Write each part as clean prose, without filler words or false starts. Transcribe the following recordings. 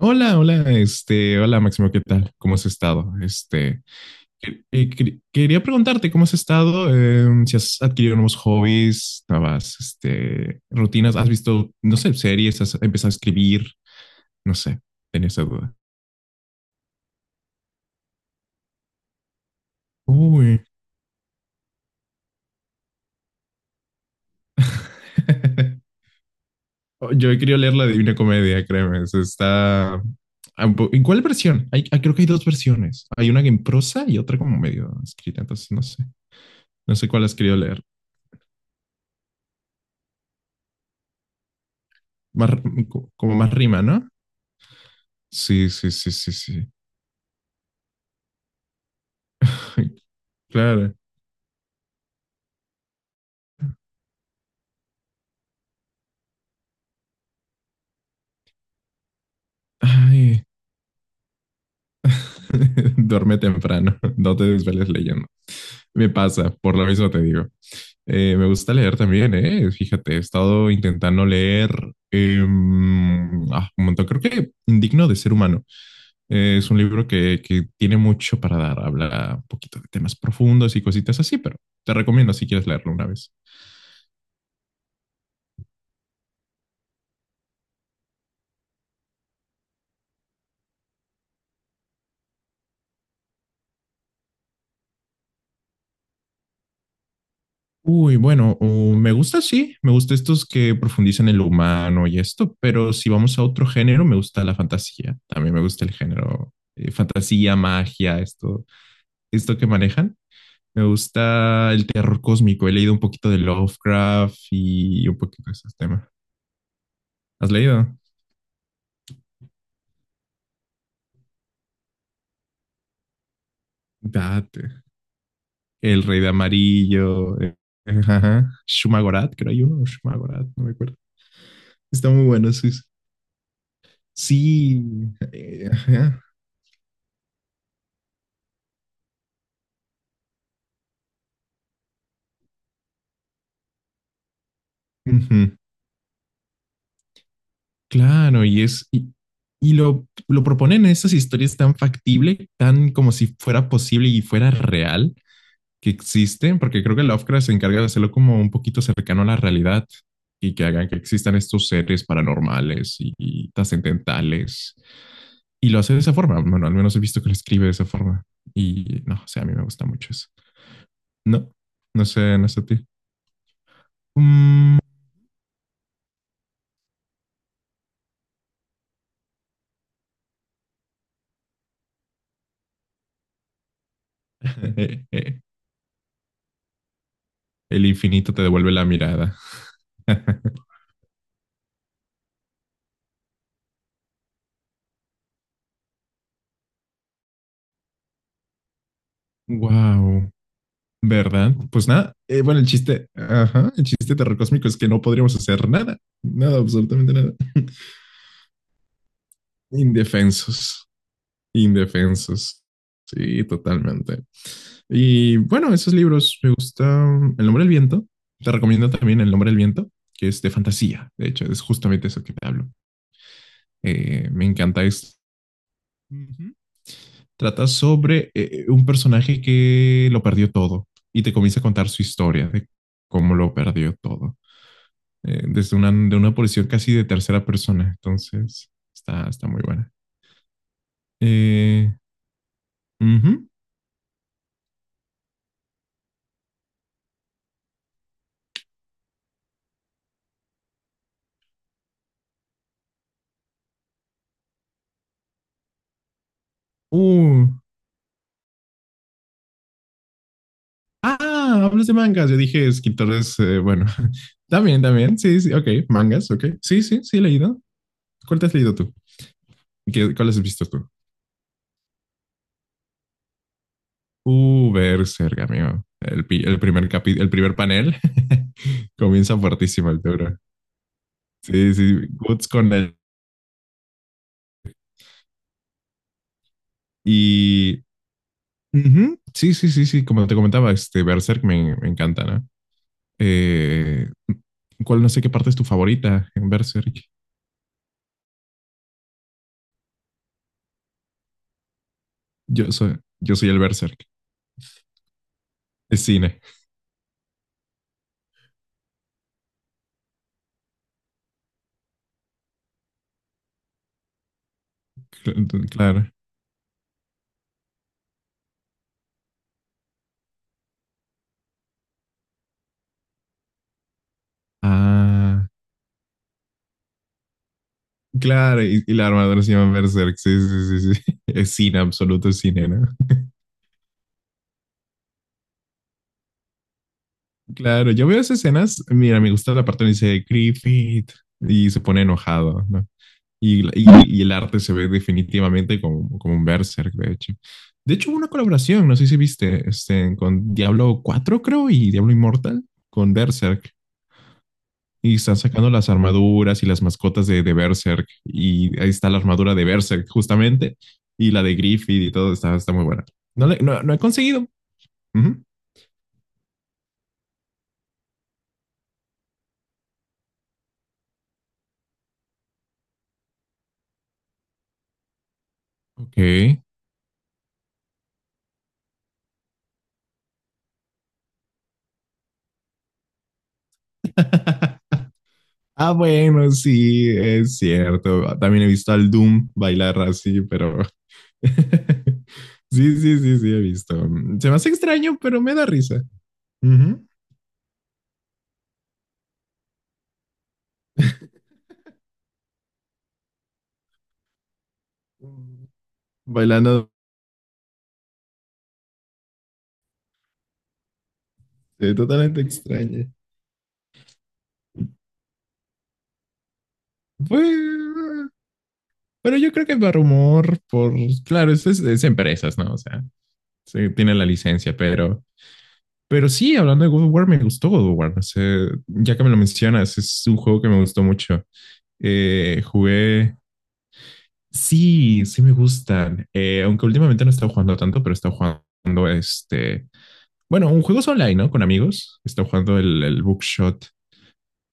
Hola, hola, hola Máximo, ¿qué tal? ¿Cómo has estado? Quería preguntarte cómo has estado. ¿Si has adquirido nuevos hobbies, nuevas, rutinas, has visto, no sé, series, has empezado a escribir, no sé? Tenía esa duda. Uy. Yo he querido leer la Divina Comedia, créeme, eso está... ¿En cuál versión? Hay, creo que hay dos versiones. Hay una en prosa y otra como medio escrita, entonces no sé cuál has querido leer. Más, como más rima, ¿no? Sí, sí, sí, sí, sí. Claro. Ay, duerme temprano, no te desveles leyendo. Me pasa, por lo mismo te digo. Me gusta leer también, Fíjate, he estado intentando leer eh, un montón. Creo que Indigno de Ser Humano. Es un libro que tiene mucho para dar. Habla un poquito de temas profundos y cositas así, pero te recomiendo si quieres leerlo una vez. Uy, bueno, me gusta, sí, me gusta estos que profundizan en lo humano y esto, pero si vamos a otro género, me gusta la fantasía. También me gusta el género fantasía, magia, esto que manejan. Me gusta el terror cósmico. He leído un poquito de Lovecraft y un poquito de esos temas. ¿Has leído? Date. El Rey de Amarillo. Ajá. Shumagorat, creo hay uno. O Shumagorat, no me acuerdo. Está muy bueno, sí. Sí. Sí, ajá. Ujú. Claro, y lo proponen en estas historias tan factible, tan como si fuera posible y fuera real que existen porque creo que Lovecraft se encarga de hacerlo como un poquito cercano a la realidad y que hagan que existan estos seres paranormales y trascendentales y lo hace de esa forma. Bueno, al menos he visto que lo escribe de esa forma. Y no, o sea, a mí me gusta mucho eso. No, no sé a ti. Mm, el infinito te devuelve la mirada. Wow. ¿Verdad? Pues nada, bueno, el chiste, ajá, el chiste terrorcósmico es que no podríamos hacer nada, nada, absolutamente nada. Indefensos. Indefensos. Sí, totalmente. Y bueno, esos libros me gustan. El nombre del viento. Te recomiendo también El nombre del viento, que es de fantasía. De hecho, es justamente eso que te hablo. Me encanta esto. Ujú. Trata sobre un personaje que lo perdió todo y te comienza a contar su historia de cómo lo perdió todo. Desde una, de una posición casi de tercera persona. Entonces, está muy buena. Eh, Ujú. Uh, Ah, hablas de mangas. Yo dije escritores, bueno, también, también. Sí, sí, ok. Mangas, ok. Sí, sí, sí, he leído. ¿Cuál te has leído tú? ¿Qué, cuál has visto tú? Berserk, amigo. El, pi- el primer capi- El primer panel comienza fuertísimo el toro. Sí, sí, Guts con él. Y ujú, sí, sí, sí, sí, como te comentaba, este Berserk me encanta, ¿no? Eh, ¿Cuál no sé qué parte es tu favorita en Berserk? Yo soy el Berserk. Es cine. Claro. Ah, claro, y la armadura se llama Berserk. Sí, sí, sí, sí. Es cine, absoluto es cine, ¿no? Claro, yo veo esas escenas. Mira, me gusta la parte donde dice Griffith y se pone enojado, ¿no? Y, y- y el arte se ve definitivamente como, como un Berserk, de hecho. De hecho, hubo una colaboración, no sé si viste, con Diablo 4 creo, y Diablo Immortal con Berserk. Y están sacando las armaduras y las mascotas de Berserk. Y ahí está la armadura de Berserk, justamente. Y la de Griffith y todo. Está muy buena. No, no he conseguido. Ujú. Ok. Ah, bueno, sí, es cierto. También he visto al Doom bailar así, pero sí, sí, sí, sí, he visto. Se me hace extraño, pero me da risa. Ujú. Bailando totalmente extraño. Pues, pero yo creo que Barrumor, claro, es empresas, ¿no? O sea, sí, tiene la licencia, pero sí, hablando de God of War, me gustó God of War. O sea, ya que me lo mencionas, es un juego que me gustó mucho. Eh, jugué, sí, sí me gustan. Aunque últimamente no he estado jugando tanto, pero he estado jugando bueno, un juego online, ¿no? Con amigos. He estado jugando el Bookshot,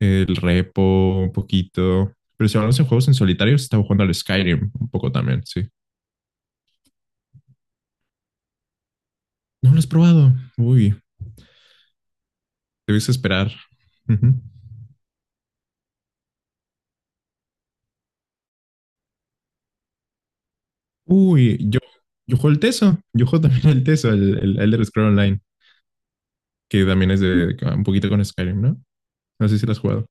el Repo, un poquito. Pero si hablamos de juegos en solitario, he estado jugando al Skyrim un poco también, sí. No lo has probado. Uy, debes esperar. Ujú. Uy, yo juego el Teso. Yo juego también el Teso, el Elder Scroll Online, que también es de un poquito con Skyrim, ¿no? No sé si lo has jugado.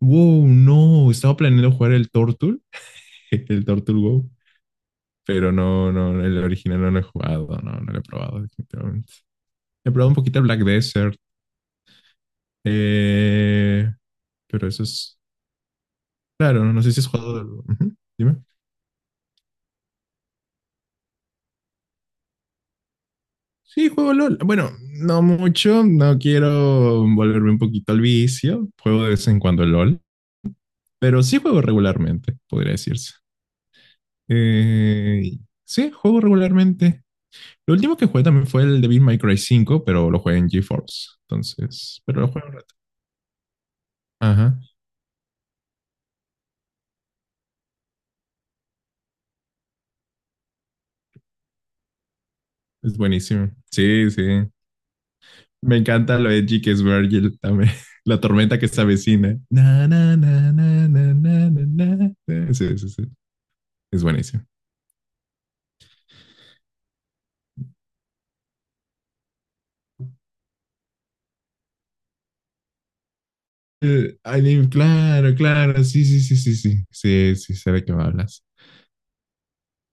Wow, no, estaba planeando jugar el Tortul, el Tortul WoW, pero no, no, el original no lo he jugado, no, no lo he probado, definitivamente. He probado un poquito el Black Desert, eh, pero eso es, claro, no no sé si has jugado. Ujú, dime. Sí, juego LOL. Bueno, no mucho, no quiero volverme un poquito al vicio. Juego de vez en cuando LOL, pero sí juego regularmente, podría decirse. Eh, sí, juego regularmente. Lo último que jugué también fue el Devil May Cry 5, pero lo jugué en GeForce. Entonces, pero lo jugué un rato. Ajá, es buenísimo. Sí, sí. Me encanta lo edgy que es Virgil también. La tormenta que se avecina. Na, na, na, na, na, na, na, na. Sí, sí, sí. Es buenísimo. Alien, claro, claro, sí, sí, sí, sí, sí, sí, sí, sé de qué me hablas.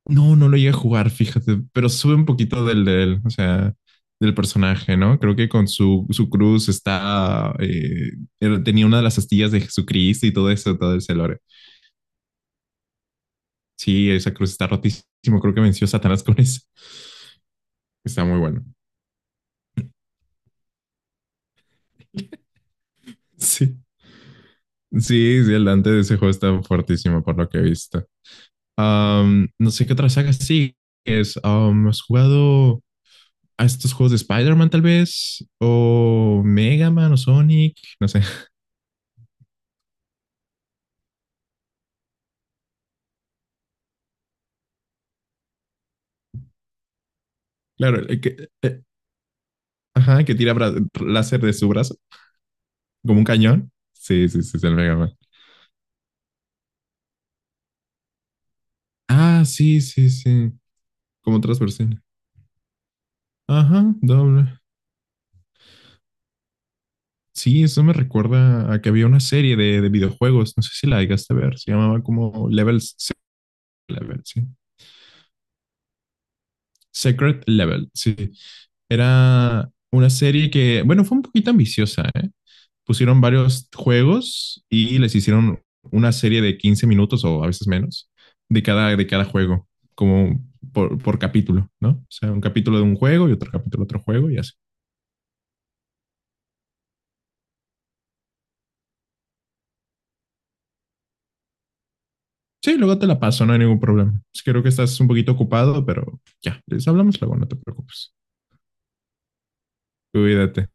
No, no lo llegué a jugar, fíjate, pero sube un poquito o sea, del personaje, ¿no? Creo que con su cruz está, él tenía una de las astillas de Jesucristo y todo eso, todo ese lore. Sí, esa cruz está rotísimo, creo que venció a Satanás con eso. Está muy bueno. Sí, sí, sí, el Dante de ese juego está fuertísimo por lo que he visto. Am, no sé qué otra saga sí es. ¿Has jugado a estos juegos de Spider-Man tal vez, o Mega Man o Sonic, no sé? Claro, el que, ajá, que tira láser de su brazo, como un cañón. Sí, sí, sí, es el Mega Man. Ah, sí, sí, sí, como otras versiones. Ajá, doble. Sí, eso me recuerda a que había una serie de videojuegos, no sé si la llegaste a ver, se llamaba como Level, sí. Secret Level, sí. Era una serie que, bueno, fue un poquito ambiciosa, ¿eh? Pusieron varios juegos y les hicieron una serie de 15 minutos o a veces menos de cada juego, como por capítulo, ¿no? O sea, un capítulo de un juego y otro capítulo de otro juego y así. Sí, luego te la paso, no hay ningún problema. Creo que estás un poquito ocupado, pero ya, les hablamos luego, no te preocupes. Cuídate.